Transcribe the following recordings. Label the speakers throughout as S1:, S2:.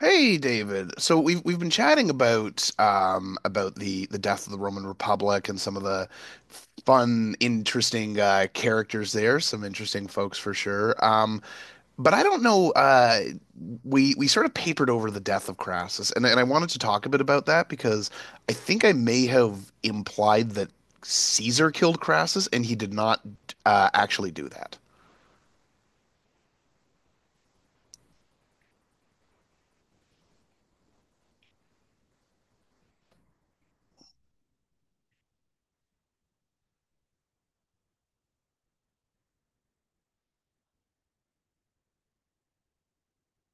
S1: Hey David. So we've been chatting about the death of the Roman Republic and some of the fun, interesting characters there, some interesting folks for sure. But I don't know, we sort of papered over the death of Crassus and I wanted to talk a bit about that because I think I may have implied that Caesar killed Crassus and he did not actually do that.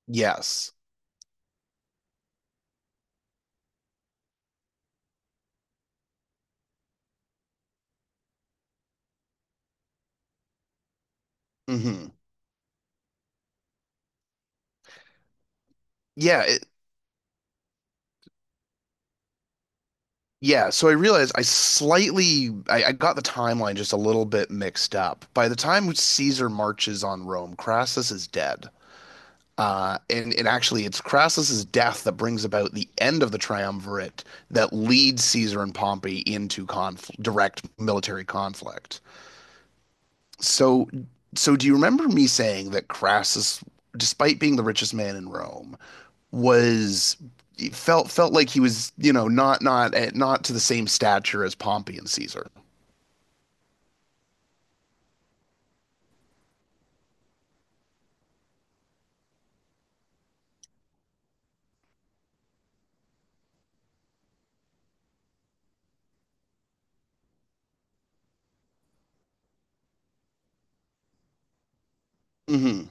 S1: Yes. Hmm. Yeah. Yeah, so I realized I got the timeline just a little bit mixed up. By the time Caesar marches on Rome, Crassus is dead. And actually, it's Crassus's death that brings about the end of the triumvirate that leads Caesar and Pompey into conf direct military conflict. So, so do you remember me saying that Crassus, despite being the richest man in Rome, was felt like he was, you know, not to the same stature as Pompey and Caesar. Hmm.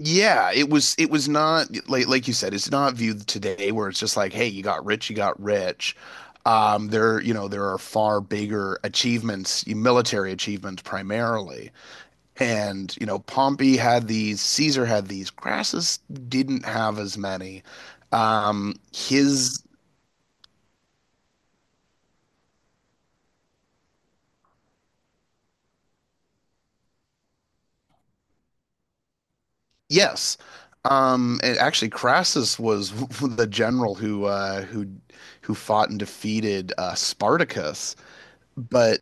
S1: Yeah, it was not like like you said, it's not viewed today where it's just like, hey, you got rich, you got rich. There, you know, there are far bigger achievements, military achievements primarily. And, you know, Pompey had these, Caesar had these, Crassus didn't have as many. His, yes. And actually Crassus was the general who fought and defeated Spartacus, but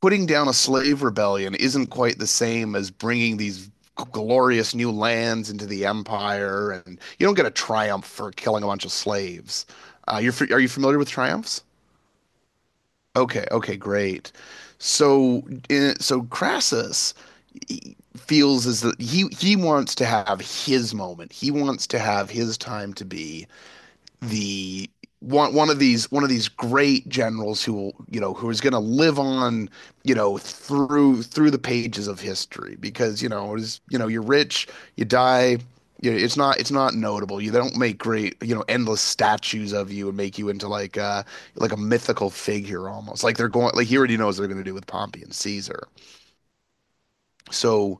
S1: putting down a slave rebellion isn't quite the same as bringing these glorious new lands into the empire, and you don't get a triumph for killing a bunch of slaves. You're, are you familiar with triumphs? Okay, okay, great. So, in, so Crassus feels as that he wants to have his moment. He wants to have his time to be the one of these great generals who will, you know, who is going to live on, you know, through the pages of history, because, you know, it is, you know, you're rich, you die, you know, it's not notable. You, they don't make great, you know, endless statues of you and make you into like a mythical figure, almost like they're going, like he already knows what they're going to do with Pompey and Caesar. So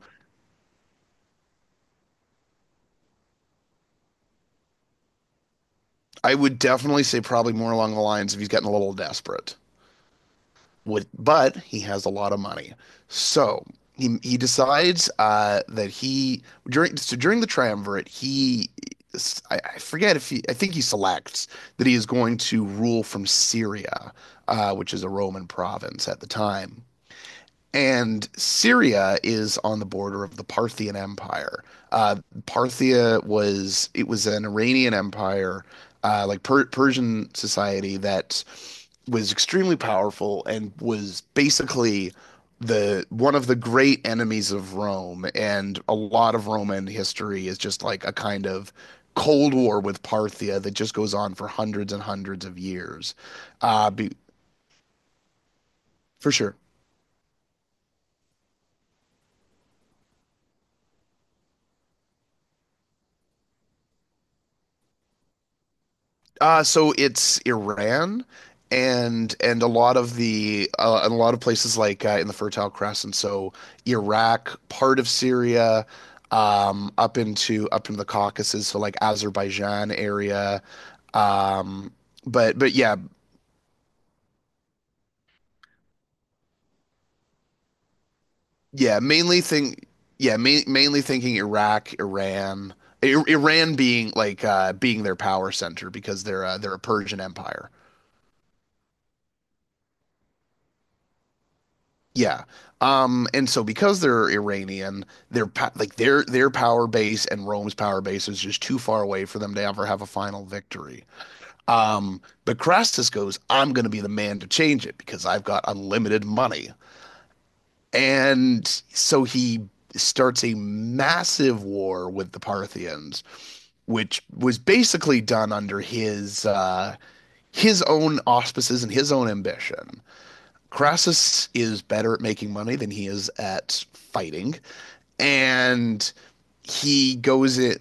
S1: I would definitely say probably more along the lines if he's getting a little desperate. With, but he has a lot of money. So he decides, that he, during, so during the triumvirate he, I forget if he, I think he selects that he is going to rule from Syria, which is a Roman province at the time. And Syria is on the border of the Parthian Empire. Uh, Parthia was, it was an Iranian empire, like Persian society that was extremely powerful and was basically the one of the great enemies of Rome. And a lot of Roman history is just like a kind of Cold War with Parthia that just goes on for hundreds and hundreds of years. Uh, be, for sure. So it's Iran, and a lot of the, and a lot of places like, in the Fertile Crescent, so Iraq, part of Syria, up into the Caucasus, so like Azerbaijan area. Um, but yeah, yeah, mainly think yeah, ma mainly thinking Iraq, Iran, I Iran being like, being their power center because they're a Persian empire. Yeah. And so because they're Iranian, their like their power base and Rome's power base is just too far away for them to ever have a final victory. But Crassus goes, I'm going to be the man to change it because I've got unlimited money. And so he starts a massive war with the Parthians, which was basically done under his own auspices and his own ambition. Crassus is better at making money than he is at fighting. And he goes in.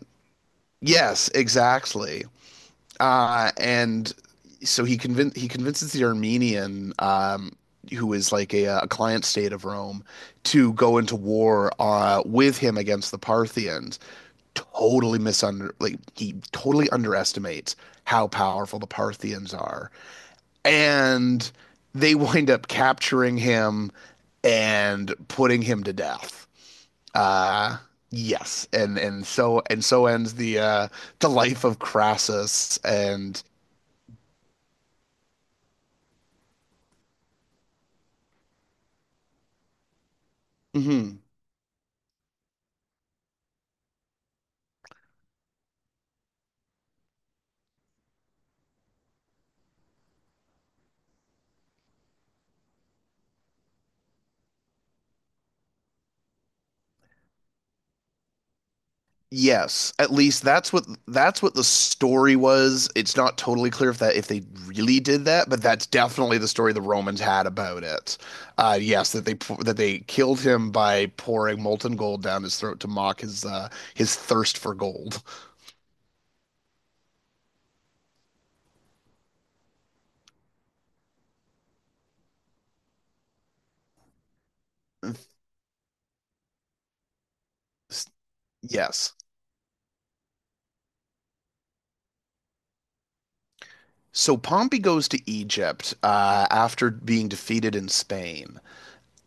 S1: Yes, exactly. And so he convinces the Armenian, who is like a client state of Rome, to go into war, with him against the Parthians. Totally misunder like he totally underestimates how powerful the Parthians are, and they wind up capturing him and putting him to death. Uh, yes, and so ends the life of Crassus. And mhm. Yes, at least that's what the story was. It's not totally clear if that, if they really did that, but that's definitely the story the Romans had about it. Yes, that they killed him by pouring molten gold down his throat to mock his thirst for gold. Yes. So Pompey goes to Egypt, after being defeated in Spain.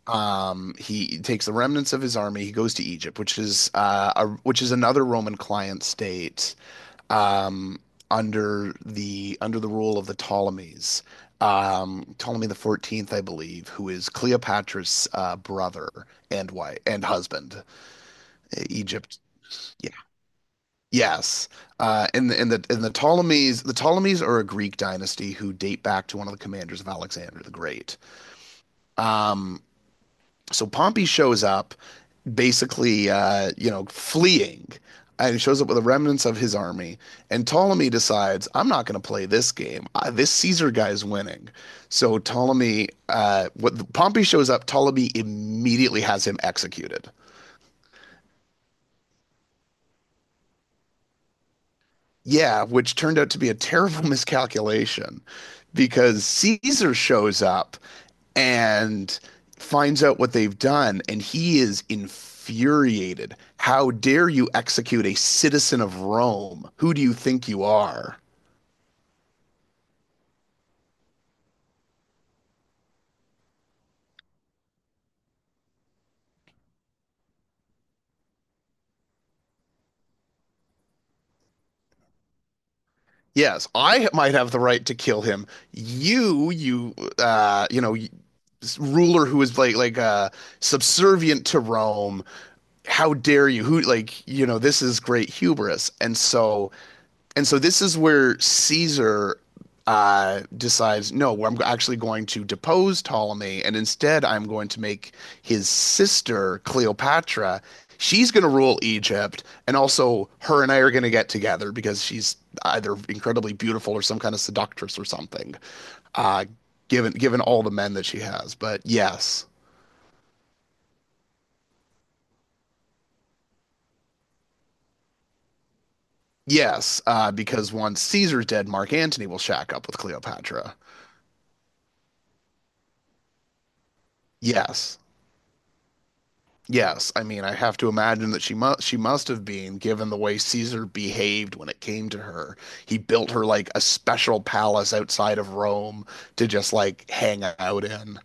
S1: He takes the remnants of his army. He goes to Egypt, which is which is another Roman client state, um, under the rule of the Ptolemies. Ptolemy the 14th, I believe, who is Cleopatra's brother and wife and husband. E, Egypt. Yeah. Yes. In the in the in the Ptolemies are a Greek dynasty who date back to one of the commanders of Alexander the Great. So Pompey shows up, basically, you know, fleeing, and he shows up with the remnants of his army. And Ptolemy decides, I'm not going to play this game. I, this Caesar guy's winning. So Ptolemy, what Pompey shows up, Ptolemy immediately has him executed. Yeah, which turned out to be a terrible miscalculation, because Caesar shows up and finds out what they've done, and he is infuriated. How dare you execute a citizen of Rome? Who do you think you are? Yes, I might have the right to kill him. You, you know, ruler who is like, subservient to Rome. How dare you? Who, like, you know? This is great hubris, and so, and so this is where Caesar, decides, no, I'm actually going to depose Ptolemy, and instead I'm going to make his sister Cleopatra. She's going to rule Egypt, and also her and I are going to get together because she's either incredibly beautiful or some kind of seductress or something. Uh, given all the men that she has, but yes, yes, because once Caesar's dead, Mark Antony will shack up with Cleopatra. Yes. Yes, I mean, I have to imagine that she must, she must have been, given the way Caesar behaved when it came to her. He built her like a special palace outside of Rome to just like hang out in.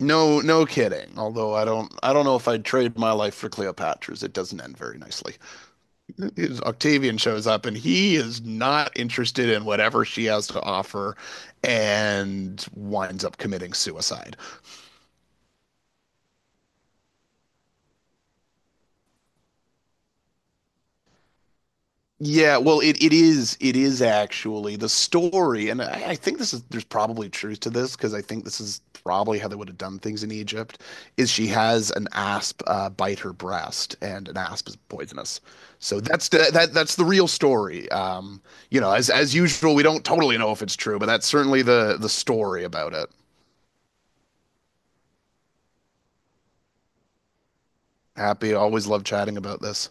S1: No, no kidding. Although I don't know if I'd trade my life for Cleopatra's. It doesn't end very nicely. Octavian shows up and he is not interested in whatever she has to offer and winds up committing suicide. Yeah, well, it is actually the story, and I think this is, there's probably truth to this because I think this is probably how they would have done things in Egypt, is she has an asp, bite her breast, and an asp is poisonous, so that's the that that's the real story. You know, as usual, we don't totally know if it's true, but that's certainly the story about it. Happy, always love chatting about this.